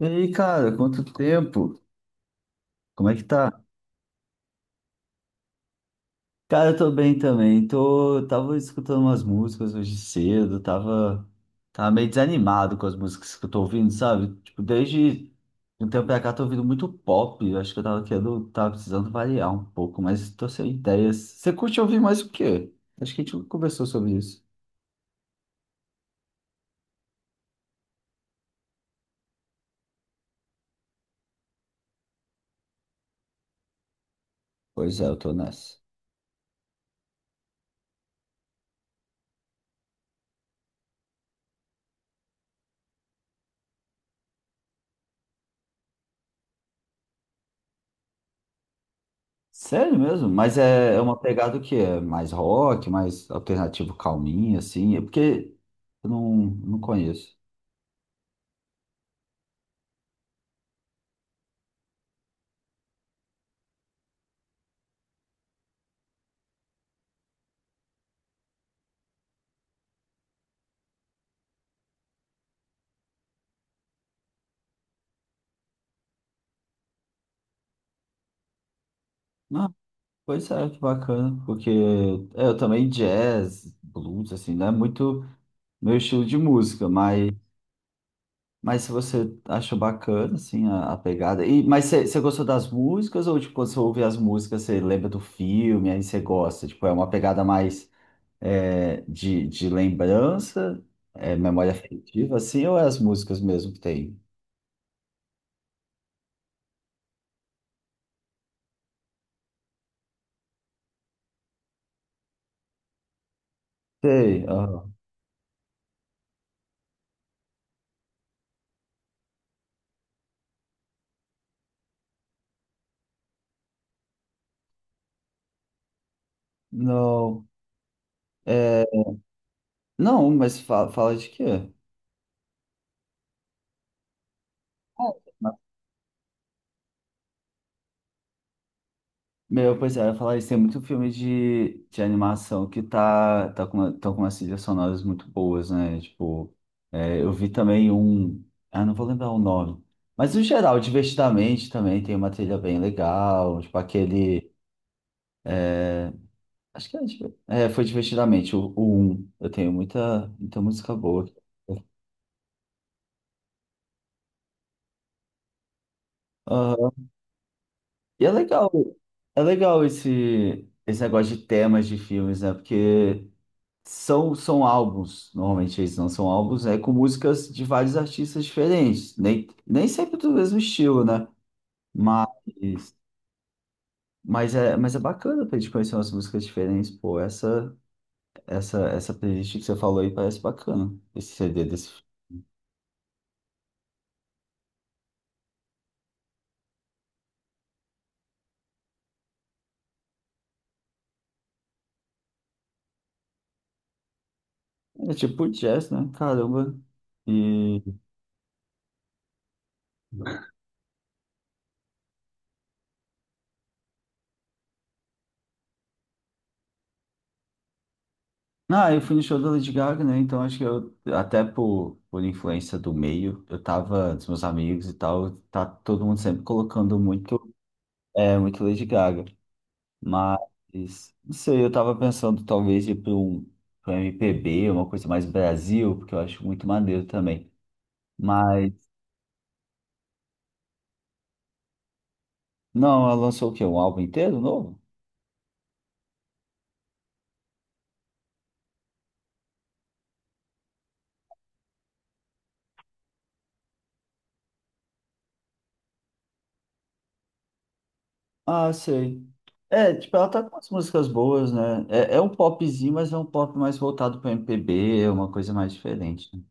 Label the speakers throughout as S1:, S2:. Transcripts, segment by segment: S1: E aí, cara, quanto tempo? Como é que tá? Cara, eu tô bem também. Tava escutando umas músicas hoje cedo, tava meio desanimado com as músicas que eu tô ouvindo, sabe? Tipo, desde um tempo pra cá tô ouvindo muito pop. Eu acho que eu tava querendo, tava precisando variar um pouco, mas tô sem ideias. Você curte ouvir mais o quê? Acho que a gente conversou sobre isso. Pois é, eu tô nessa. Sério mesmo? Mas é, é uma pegada que é mais rock, mais alternativo calminho, assim. É porque eu não conheço. Ah, pois é, que bacana. Porque é, eu também jazz, blues, assim, não é muito meu estilo de música, mas se você acha bacana, assim, a pegada. E, mas você gostou das músicas ou, tipo, quando você ouve as músicas, você lembra do filme, aí você gosta? Tipo, é uma pegada mais. É, de lembrança, é, memória afetiva, assim, ou é as músicas mesmo que tem? Sei, aham. Não, é, não, mas fala de quê? Ah, meu, pois é, eu ia falar isso, tem muito filme de animação que tá com, tão com umas trilhas sonoras muito boas, né? Tipo, é, eu vi também um, ah, não vou lembrar o nome, mas no geral, Divertidamente também tem uma trilha bem legal, tipo aquele. Acho que é, é, foi Divertidamente o 1º. Eu tenho muita, muita música boa. Ah, e é legal esse, esse negócio de temas de filmes, né? Porque são, são álbuns, normalmente eles não são álbuns, né? Com músicas de vários artistas diferentes, nem, nem sempre do mesmo estilo, né? Mas, mas é bacana pra gente conhecer umas músicas diferentes, pô. Essa playlist que você falou aí parece bacana, esse CD desse. É tipo jazz, né? Caramba. E. Ah, eu fui no show da Lady Gaga, né? Então acho que eu, até por influência do meio, eu tava, dos meus amigos e tal, tá todo mundo sempre colocando muito, é, muito Lady Gaga. Mas, não sei, eu tava pensando talvez ir pra um MPB, uma coisa mais Brasil, porque eu acho muito maneiro também. Mas, não, ela lançou o quê? Um álbum inteiro novo? Ah, sei. É, tipo, ela tá com umas músicas boas, né? É, é um popzinho, mas é um pop mais voltado pro MPB, é uma coisa mais diferente, né?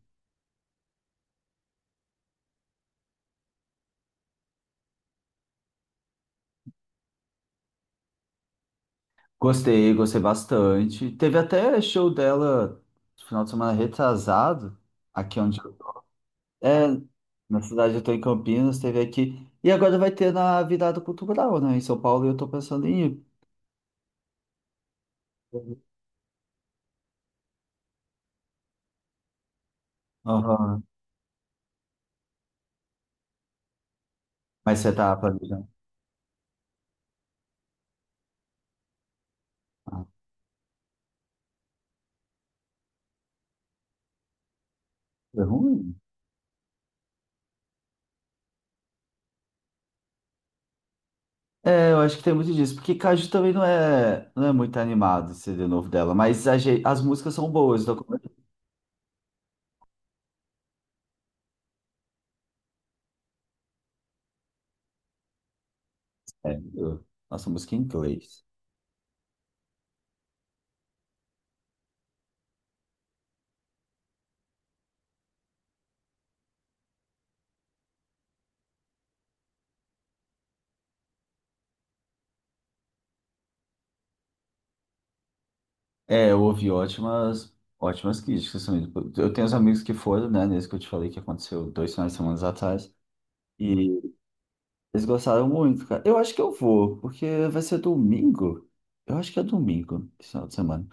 S1: Gostei, gostei bastante. Teve até show dela no final de semana retrasado, aqui onde eu tô. É, na cidade eu tô em Campinas, teve aqui. E agora vai ter na Virada Cultural, né? Em São Paulo, e eu tô pensando em ir. Aham. Mas você tá planejando. Ah, foi ruim? É, eu acho que tem muito disso, porque Caju também não é muito animado o CD novo dela, mas as músicas são boas, tô é. Que é? Nossa, música em inglês. É, eu ouvi ótimas, ótimas críticas também. Eu tenho uns amigos que foram, né, nesse que eu te falei que aconteceu dois finais de semana atrás, e eles gostaram muito, cara. Eu acho que eu vou, porque vai ser domingo. Eu acho que é domingo, esse final de semana.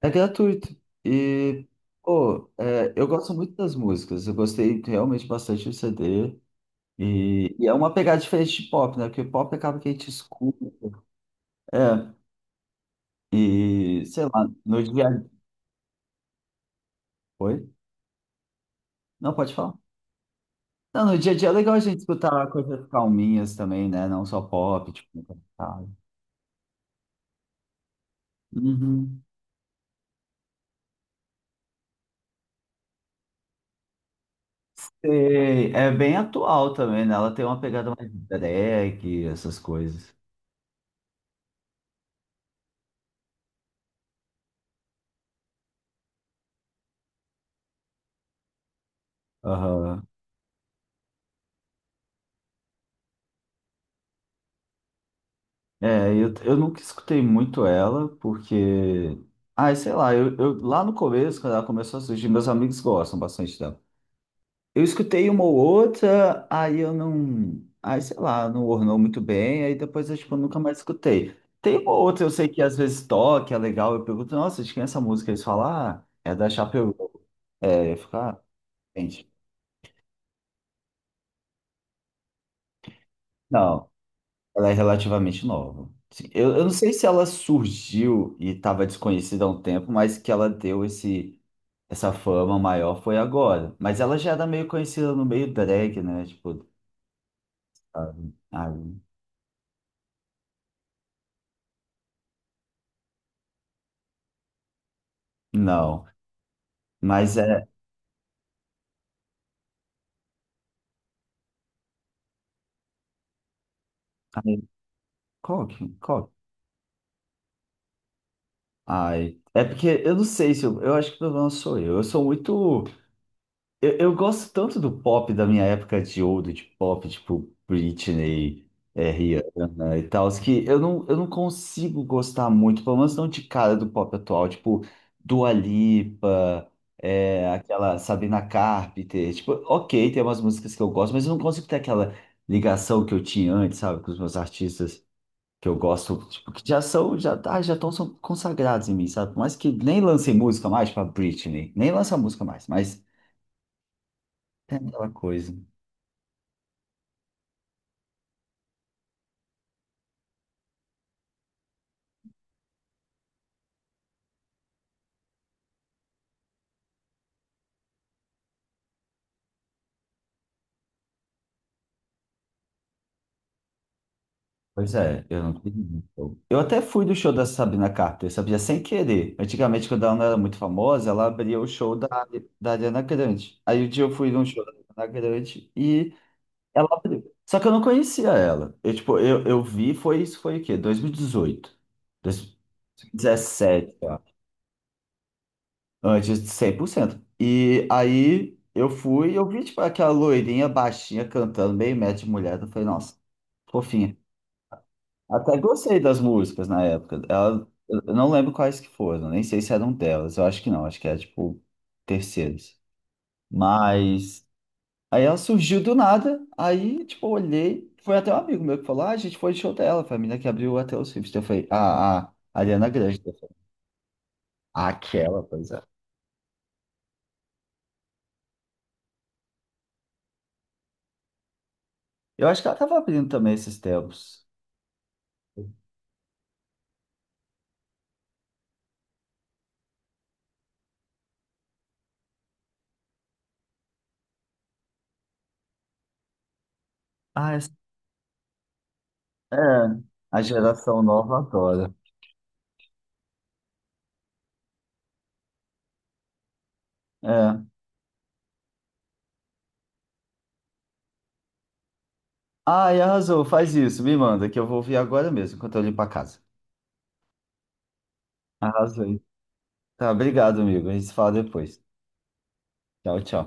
S1: É gratuito. E, pô, é, eu gosto muito das músicas, eu gostei realmente bastante do CD. E é uma pegada diferente de pop, né? Porque pop acaba que a gente escuta. É, e sei lá, no dia. Oi? Não, pode falar. Não, no dia a dia é legal a gente escutar coisas calminhas também, né? Não só pop, tipo, sabe? Uhum. Sei. É bem atual também, né? Ela tem uma pegada mais drag, essas coisas. Aham. É, eu nunca escutei muito ela, porque. Ai, sei lá, eu- lá no começo, quando ela começou a surgir, meus amigos gostam bastante dela. Eu escutei uma ou outra, aí eu não. Aí, sei lá, não ornou muito bem, aí depois eu, tipo, nunca mais escutei. Tem uma ou outra, eu sei que às vezes toca, é legal, eu pergunto, nossa, de quem é essa música? Eles falam, ah, é da Chapeu. É, eu fico, ah, gente. Não, ela é relativamente nova. Sim, eu não sei se ela surgiu e estava desconhecida há um tempo, mas que ela deu esse, essa fama maior foi agora. Mas ela já era meio conhecida no meio drag, né? Tipo, ah, não. Mas é. Qual que? Qual? Ai, é porque eu não sei se eu, eu acho que o problema sou eu. Eu sou muito. Eu gosto tanto do pop da minha época de ouro, de pop, tipo Britney, é, Rihanna e tal, que eu não consigo gostar muito, pelo menos não de cara do pop atual, tipo Dua Lipa, é, aquela Sabrina Carpenter. Tipo, ok, tem umas músicas que eu gosto, mas eu não consigo ter aquela ligação que eu tinha antes, sabe, com os meus artistas. Que eu gosto, tipo, que já são, já, ah, já estão são consagrados em mim, sabe? Por mais que nem lancei música mais pra Britney, nem lança música mais, mas é aquela coisa. Pois é, eu não tive. Eu até fui do show da Sabrina Carpenter, sabia? Sem querer. Antigamente, quando ela não era muito famosa, ela abria o show da Ariana Grande. Aí um dia eu fui num show da Ariana Grande e ela abriu. Só que eu não conhecia ela. Eu, tipo, eu vi, foi isso, foi o quê? 2018, 2017. Antes de 100%. E aí eu fui e eu vi, tipo, aquela loirinha baixinha cantando, meio metro de mulher. Eu falei, nossa, fofinha. Até gostei das músicas na época. Ela, eu não lembro quais que foram, nem sei se eram delas. Eu acho que não, acho que era, tipo, terceiras. Mas aí ela surgiu do nada, aí, tipo, eu olhei. Foi até um amigo meu que falou, ah, a gente foi de show dela, foi a menina que abriu até o Swift. Eu falei, ah, a Ariana Grande. Eu falei, aquela, pois é. Eu acho que ela tava abrindo também esses tempos. Ah, é, a geração nova adora. É. Ai, arrasou, faz isso, me manda, que eu vou ouvir agora mesmo, enquanto eu limpo a casa. Arrasou. Tá, obrigado, amigo. A gente se fala depois. Tchau, tchau.